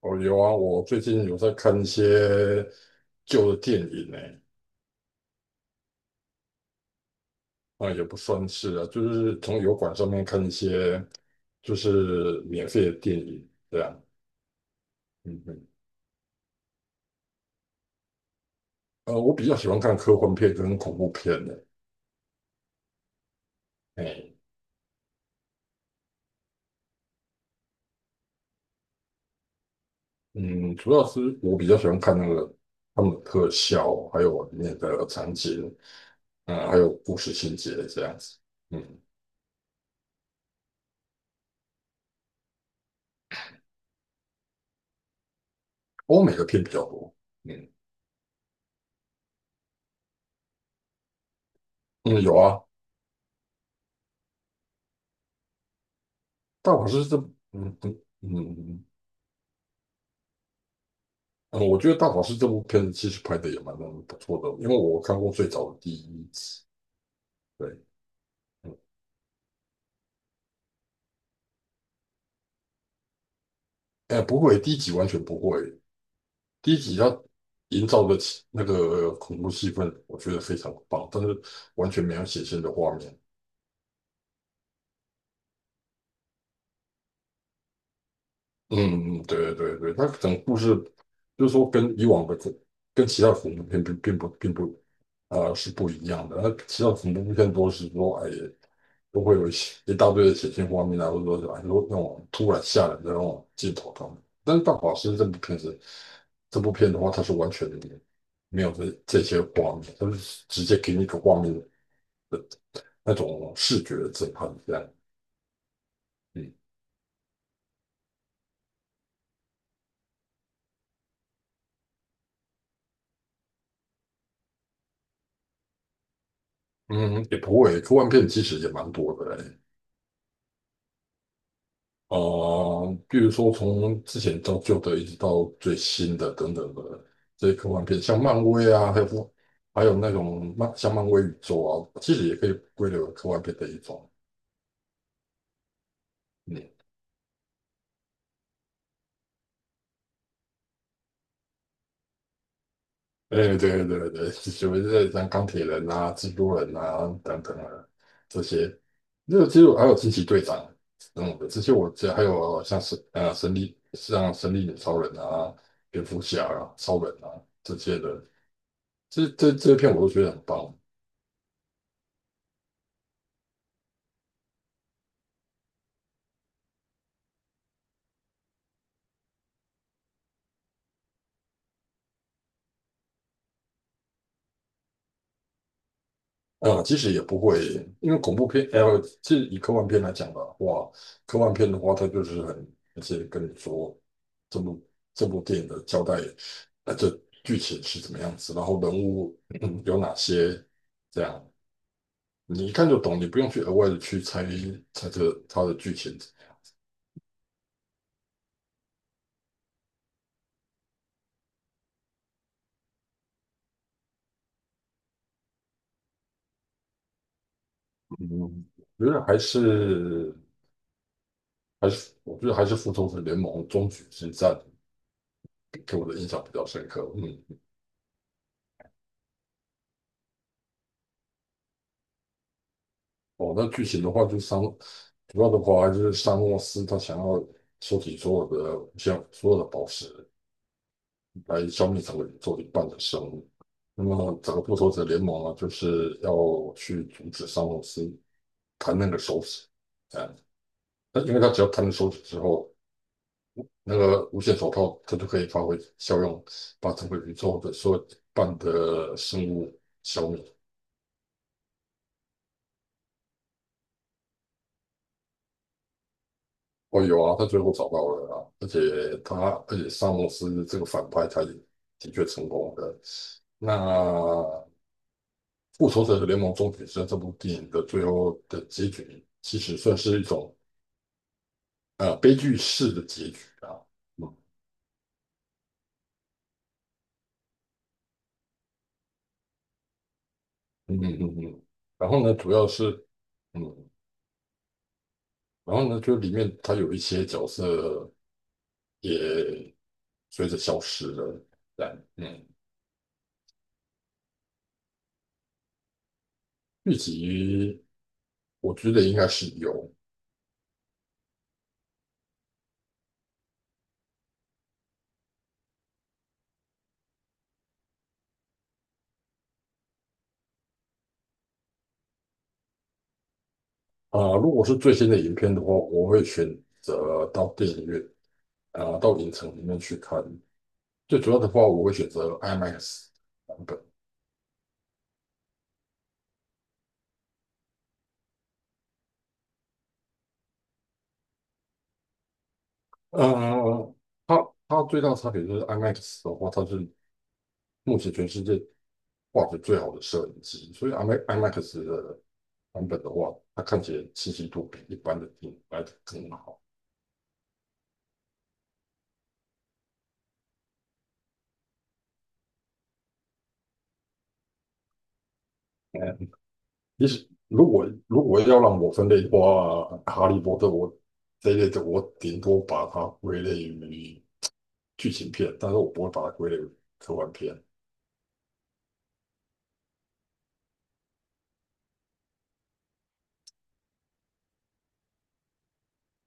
哦，有啊，我最近有在看一些旧的电影呢。啊，也不算是啊，就是从油管上面看一些就是免费的电影这样。嗯嗯。我比较喜欢看科幻片跟恐怖片的。哎，嗯，主要是我比较喜欢看那个他们的特效，还有里面的场景，嗯，还有故事情节这样子。嗯。欧美的片比较多。嗯嗯，有啊。但我是这，嗯嗯嗯。嗯嗯，我觉得《大法师》这部片子其实拍的也蛮不错的，因为我看过最早的第一集。对，嗯。哎，不会，第一集完全不会。第一集它营造的气那个恐怖气氛，我觉得非常棒，但是完全没有血腥的画面。嗯，嗯对对对，它可能故事就是说跟以往的这，跟其他恐怖片并不是不一样的。那其他恐怖片都是说哎都会有一些一大堆的血腥画面啊，或者说哎说那种突然吓人的那种镜头他们。但是《大法师》这部片子，这部片的话，它是完全没有这些画面，它是直接给你一个画面的那种视觉的震撼，这样。嗯嗯，也不会，科幻片其实也蛮多的嘞。比如说从之前到旧的，一直到最新的等等的这些科幻片，像漫威啊，还有不还有那种漫威宇宙啊，其实也可以归类为科幻片的一种。嗯。哎，对对对对，就是像钢铁人啊、蜘蛛人啊等等啊这些，那其实还有惊奇队长等等的这些我记得这还有像神力女超人啊、蝙蝠侠啊、超人啊这些的，这些片我都觉得很棒。啊，其实也不会，因为恐怖片，其实以科幻片来讲的话，科幻片的话，它就是很直接跟你说这部这部电影的交代，这剧情是怎么样子，然后人物嗯有哪些，这样你一看就懂，你不用去额外的去猜测它的剧情。嗯，我觉得还是，我觉得还是《复仇者联盟：终局之战》给我的印象比较深刻。嗯。哦，那剧情的话主要的话，就是沙诺斯他想要收集所有的宝石来消灭整个宇宙一半的生物。那么整个复仇者联盟啊，就是要去阻止沙诺斯弹那个手指，哎、那因为他只要弹了手指之后，那个无限手套他就可以发挥效用，把整个宇宙的所有一半的生物消灭。哦，有啊，他最后找到了啊，而且他，而且萨默斯这个反派，他也的确成功的。那《复仇者联盟：终结者》这部电影的最后的结局，其实算是一种悲剧式的结局啊。嗯嗯嗯嗯嗯然后呢，主要是嗯，然后呢，就里面他有一些角色也随着消失了。但嗯，剧集我觉得应该是有。啊、如果是最新的影片的话，我会选择到电影院啊、到影城里面去看。最主要的话，我会选择 IMAX 版本。嗯、它它最大差别就是 IMAX 的话，它是目前全世界画质最好的摄影机，所以 IMA- x 的版本的话，它看起来清晰度比一般的电影来得更好。嗯，其实如果要让我分类的话，哈利波特我这一类的，我顶多把它归类于。剧情片，但是我不会把它归类为科幻片。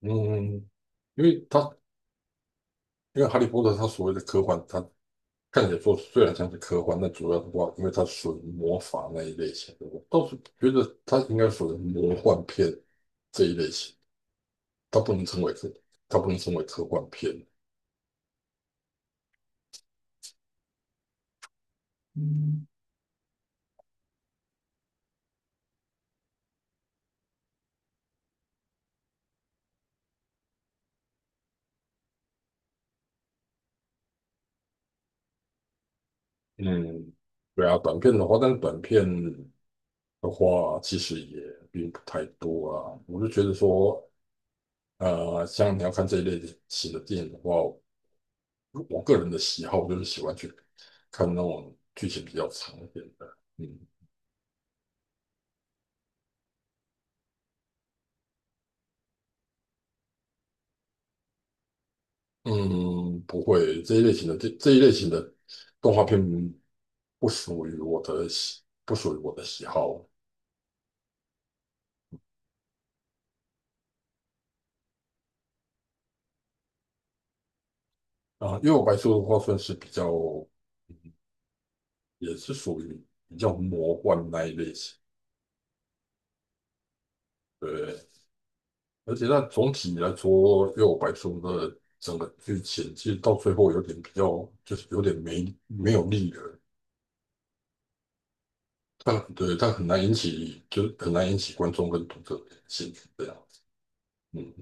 嗯，因为它因为哈利波特它所谓的科幻，它看起来说虽然像是科幻，但主要的话，因为它属于魔法那一类型的，我倒是觉得它应该属于魔幻片这一类型，它不能称为科，它不能称为科幻片。嗯。嗯，对啊，短片的话，但是短片的话，其实也并不太多啊。我就觉得说，像你要看这一类型的电影的话，我个人的喜好，就是喜欢去看那种剧情比较长一点的。嗯嗯，不会，这一类型的这一类型的动画片不属于我的喜好。啊，因为我白素的话算是比较，也是属于比较魔幻那一类型。对，而且那总体来说，因为我白素的整个剧情其实到最后有点比较，就是有点没有力了。但对，但很难引起，就是很难引起观众跟读者的兴趣这样子。嗯，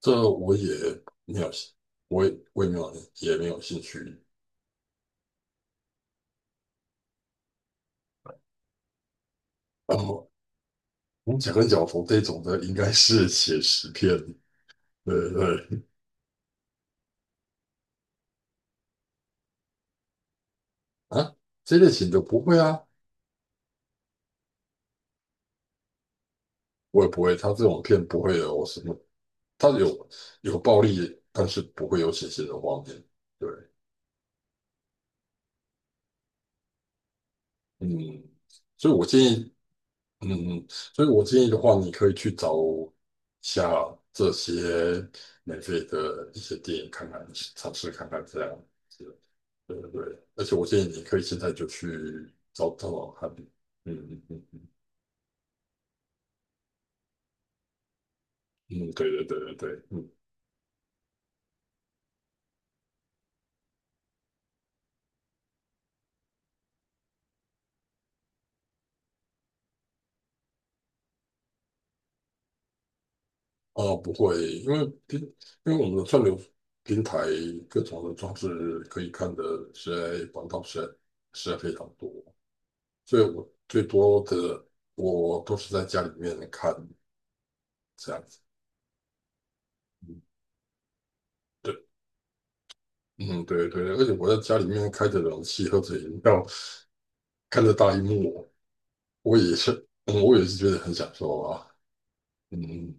这没有我也没有兴趣。然后我们讲跟角头这种的，应该是写实片，对对啊，这类型的不会啊，我也不会。他这种片不会有什么，他有暴力，但是不会有血腥的画面。对。嗯。所以我建议嗯嗯，所以我建议的话，你可以去找下这些免费的一些电影看看，尝试看看这样子。对对对，而且我建议你可以现在就去找找看。嗯嗯嗯嗯，对对对对对。嗯啊，不会，因为我们的串流平台各种的装置可以看的实在管道实在非常多，所以我最多的我都是在家里面看这样子。对，嗯，对对对，而且我在家里面开着冷气，喝着饮料，看着大荧幕，我也是，嗯，我也是觉得很享受啊。嗯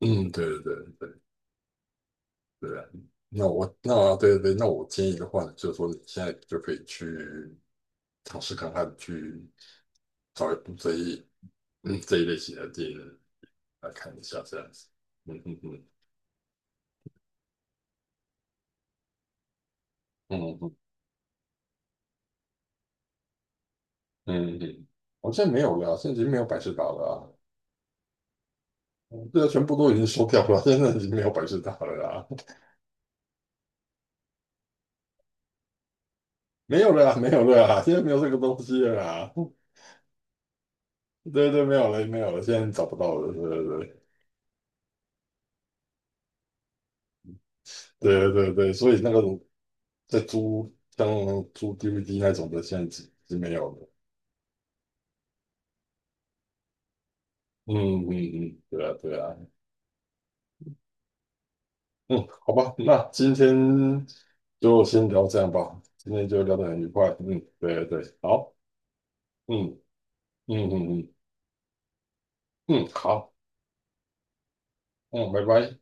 嗯，对对对对对啊那我对对对，那我建议的话呢，就是说你现在就可以去尝试看看，去找一部这一类型的电影来看一下，这样子。嗯嗯嗯嗯嗯嗯嗯，好像没有了，现在已经没有百事达了啊，对啊，全部都已经收掉了，现在已经没有百事达了啊。没有了呀没有了呀，现在没有这个东西了呀。对对，没有了，没有了，现在找不到了。对对对对对对，所以那个在租租 DVD 那种的，现在是经没有了。嗯嗯嗯，对啊对啊，嗯，好吧，那今天就先聊这样吧，今天就聊得很愉快。嗯，对对，好，嗯嗯嗯嗯嗯，好，嗯，拜拜。